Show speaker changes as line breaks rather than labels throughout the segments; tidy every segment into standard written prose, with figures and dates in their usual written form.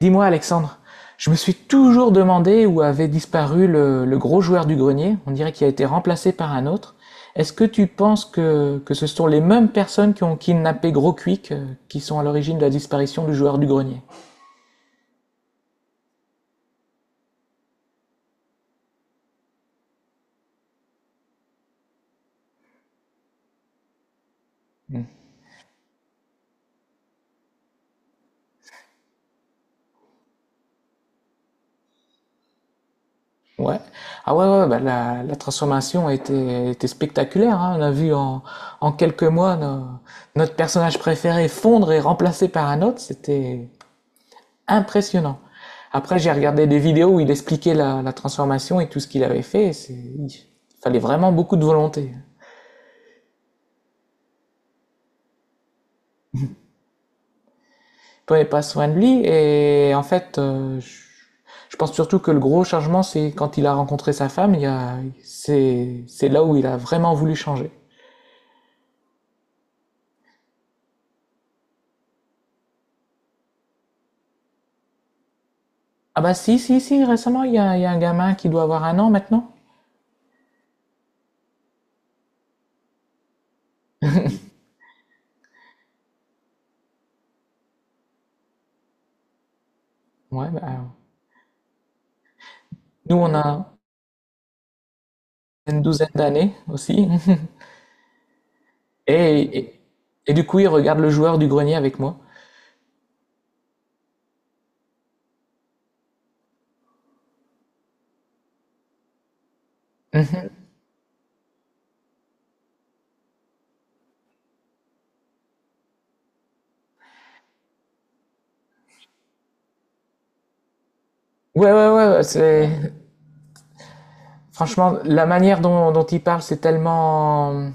Dis-moi, Alexandre, je me suis toujours demandé où avait disparu le gros joueur du grenier. On dirait qu'il a été remplacé par un autre. Est-ce que tu penses que ce sont les mêmes personnes qui ont kidnappé Gros Quick, qui sont à l'origine de la disparition du joueur du grenier? Ouais. Ah ouais, ouais, bah la transformation était spectaculaire, hein. On a vu en quelques mois notre personnage préféré fondre et remplacé par un autre. C'était impressionnant. Après, j'ai regardé des vidéos où il expliquait la transformation et tout ce qu'il avait fait. Il fallait vraiment beaucoup de volonté. Il prenait pas soin de lui et en fait, je pense surtout que le gros changement, c'est quand il a rencontré sa femme. Il y a, c'est là où il a vraiment voulu changer. Ah bah si, si, si, récemment, il y a un gamin qui doit avoir un an maintenant. Ouais, bah, nous, on a une douzaine d'années aussi. Et, et, et du coup, il regarde le joueur du grenier avec moi. Ouais, ouais, ouais, ouais, c'est franchement la manière dont il parle,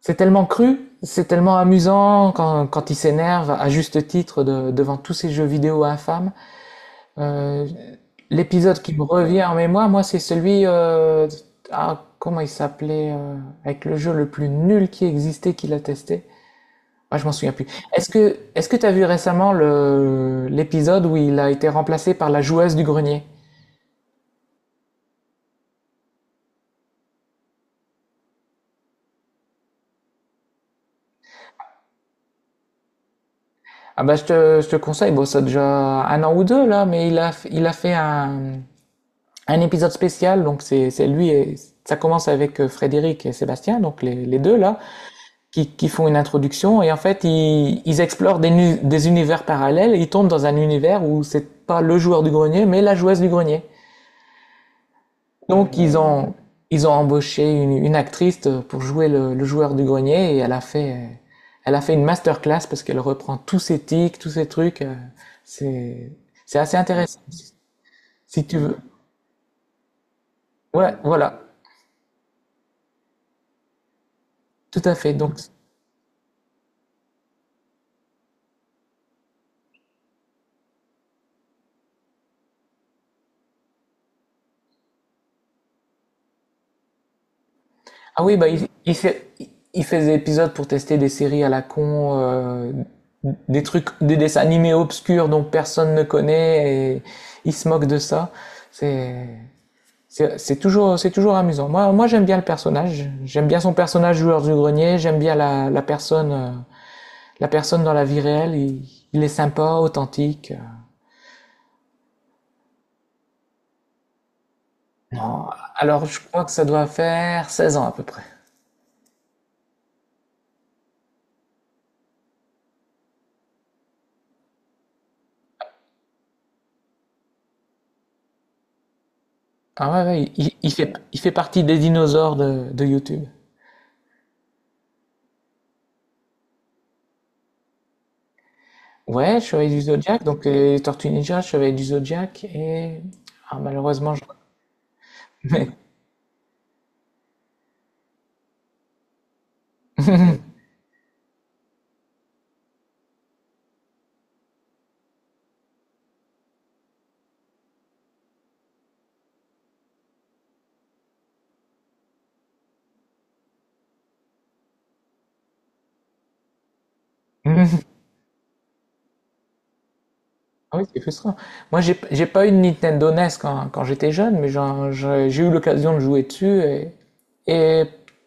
c'est tellement cru, c'est tellement amusant quand il s'énerve à juste titre devant tous ces jeux vidéo infâmes. Euh, L'épisode qui me revient en mémoire, moi, c'est comment il s'appelait, avec le jeu le plus nul qui existait, qu'il a testé. Ah, je m'en souviens plus. Est-ce que t'as vu récemment l'épisode où il a été remplacé par la joueuse du grenier? Ah bah je te conseille, bon ça a déjà un an ou deux là, mais il a fait un épisode spécial, donc c'est lui et ça commence avec Frédéric et Sébastien, donc les deux là, qui font une introduction et en fait ils explorent des univers parallèles, ils tombent dans un univers où c'est pas le joueur du grenier, mais la joueuse du grenier. Donc ils ont, ils ont embauché une actrice pour jouer le joueur du grenier et elle a fait une masterclass parce qu'elle reprend tous ses tics, tous ses trucs. C'est, c'est assez intéressant, si tu veux. Ouais, voilà, tout à fait. Donc, ah oui, bah, il fait des épisodes pour tester des séries à la con, des trucs, des dessins animés obscurs dont personne ne connaît et il se moque de ça. C'est, c'est toujours amusant. Moi, j'aime bien le personnage. J'aime bien son personnage joueur du grenier. J'aime bien la personne dans la vie réelle. Il est sympa, authentique. Non, alors je crois que ça doit faire 16 ans à peu près. Ah ouais, ouais, il fait partie des dinosaures de YouTube. Ouais, je Chevalier du Zodiac, donc les Tortues Ninja, Chevalier du Zodiac et ah, malheureusement, je... mais ah oui, c'est frustrant. Moi, j'ai pas eu de Nintendo NES quand j'étais jeune, mais j'ai eu l'occasion de jouer dessus et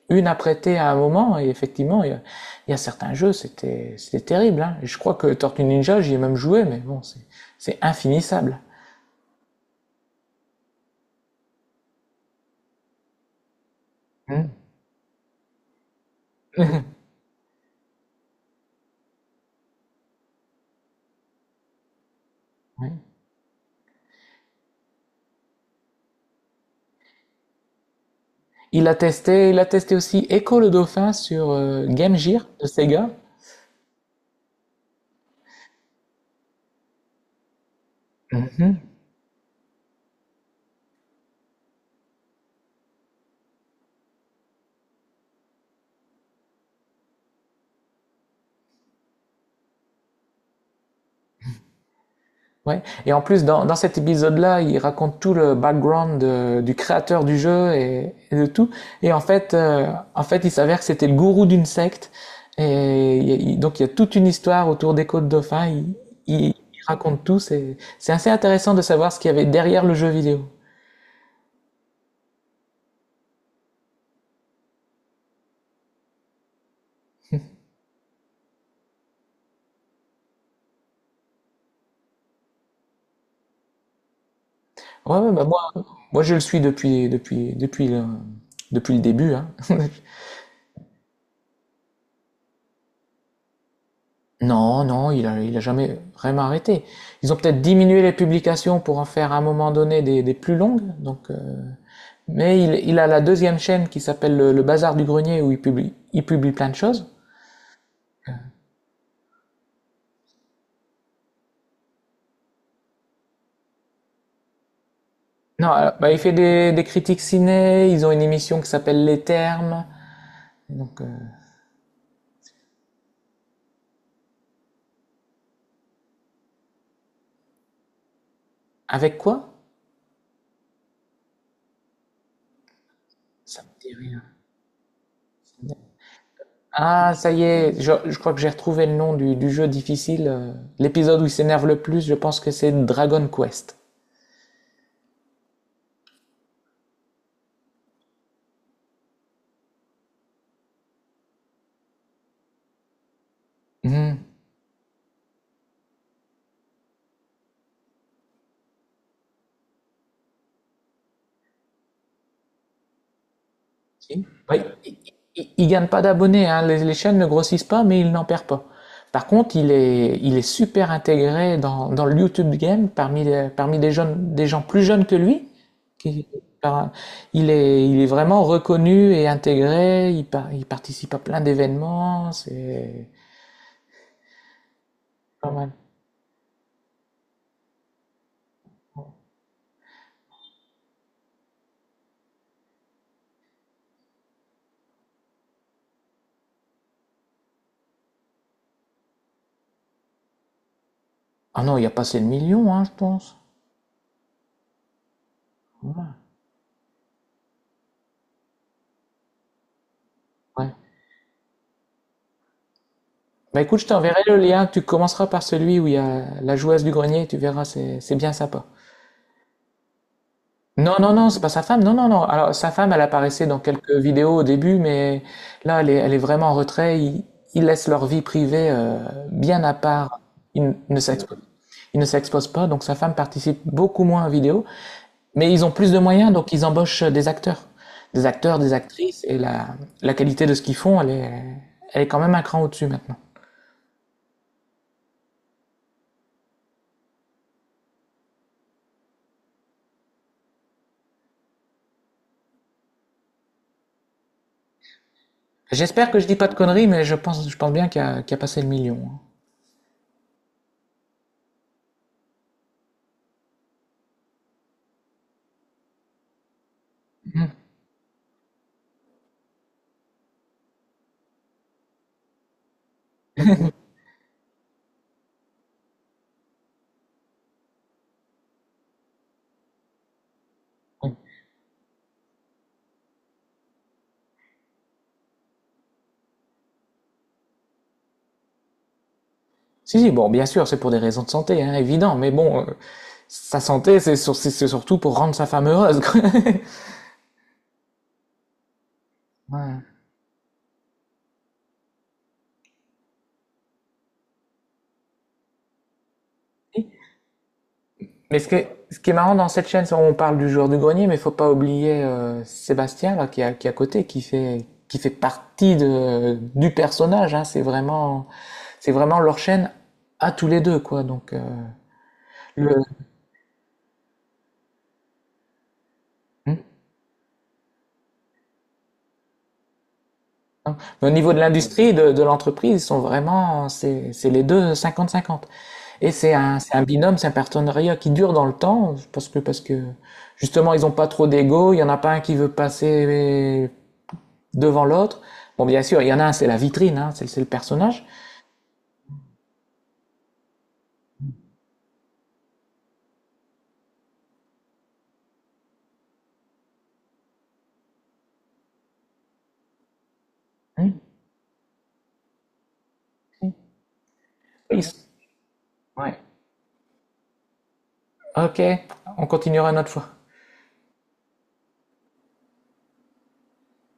une à prêter à un moment. Et effectivement, il y a certains jeux, c'était terrible. Hein. Et je crois que Tortue Ninja, j'y ai même joué, mais bon, c'est infinissable. Hmm. Ouais. Il a testé aussi Echo le Dauphin sur Game Gear de Sega. Mhm. Ouais, et en plus dans cet épisode-là, il raconte tout le background du créateur du jeu et de tout. Et en fait, euh, En fait, il s'avère que c'était le gourou d'une secte. Et il y a- il- Donc il y a toute une histoire autour des Côtes Dauphins. Il raconte tout. C'est assez intéressant de savoir ce qu'il y avait derrière le jeu vidéo. Ouais, ouais, bah moi, moi je le suis depuis le début, hein. Non, non, il a jamais vraiment arrêté. Ils ont peut-être diminué les publications pour en faire à un moment donné des plus longues. Donc, il a la deuxième chaîne qui s'appelle le Bazar du Grenier où il publie plein de choses. Non, alors, bah, il fait des critiques ciné. Ils ont une émission qui s'appelle Les Termes. Donc, avec quoi? Ça me dit rien. Ah, ça y est, je crois que j'ai retrouvé le nom du jeu difficile. L'épisode où il s'énerve le plus, je pense que c'est Dragon Quest. Mhm. Ok. Bah, il il gagne pas d'abonnés, hein. Les chaînes ne grossissent pas, mais il n'en perd pas. Par contre, il est super intégré dans le YouTube game parmi parmi des jeunes, des gens plus jeunes que lui. qui- par- il est vraiment reconnu et intégré. Il participe à plein d'événements. C'est pas mal. Ah non, il a passé le million, hein, je pense. Ouais. Ouais. Bah écoute, je t'enverrai le lien. Tu commenceras par celui où il y a la joueuse du grenier. Tu verras, c'est bien sympa. Non, non, non, c'est pas sa femme. Non, non, non. Alors, sa femme, elle apparaissait dans quelques vidéos au début, mais là, elle est vraiment en retrait. Ils laissent leur vie privée bien à part. Ils n- ne s'exposent, Ils ne s'exposent pas, donc sa femme participe beaucoup moins aux vidéos. Mais ils ont plus de moyens, donc ils embauchent des acteurs. Des acteurs, des actrices, et la qualité de ce qu'ils font, elle est quand même un cran au-dessus maintenant. J'espère que je dis pas de conneries, mais je pense bien qu'il y a passé le million. Hein. Mhm. Si, si, bon, bien sûr, c'est pour des raisons de santé, hein, évident, mais bon, sa santé, c'est sur- c'est surtout pour rendre sa femme heureuse, quoi. Ouais. Et mais ce qui est marrant dans cette chaîne, c'est on parle du joueur du grenier, mais faut pas oublier Sébastien, là, qui est à côté, qui fait partie du personnage. Hein. C'est vraiment leur chaîne à tous les deux, quoi. Donc, le, Hmm. Non. Mais au niveau de l'industrie, de l'entreprise, ils sont vraiment, c'est les deux 50-50. Et c'est c'est un binôme, c'est un partenariat qui dure dans le temps, parce que justement, ils n'ont pas trop d'ego, il y en a pas un qui veut passer devant l'autre. Bon, bien sûr, il y en a un, c'est la vitrine, hein, c'est le personnage. Hmm. Ils- Ouais. Ok, on continuera une autre fois.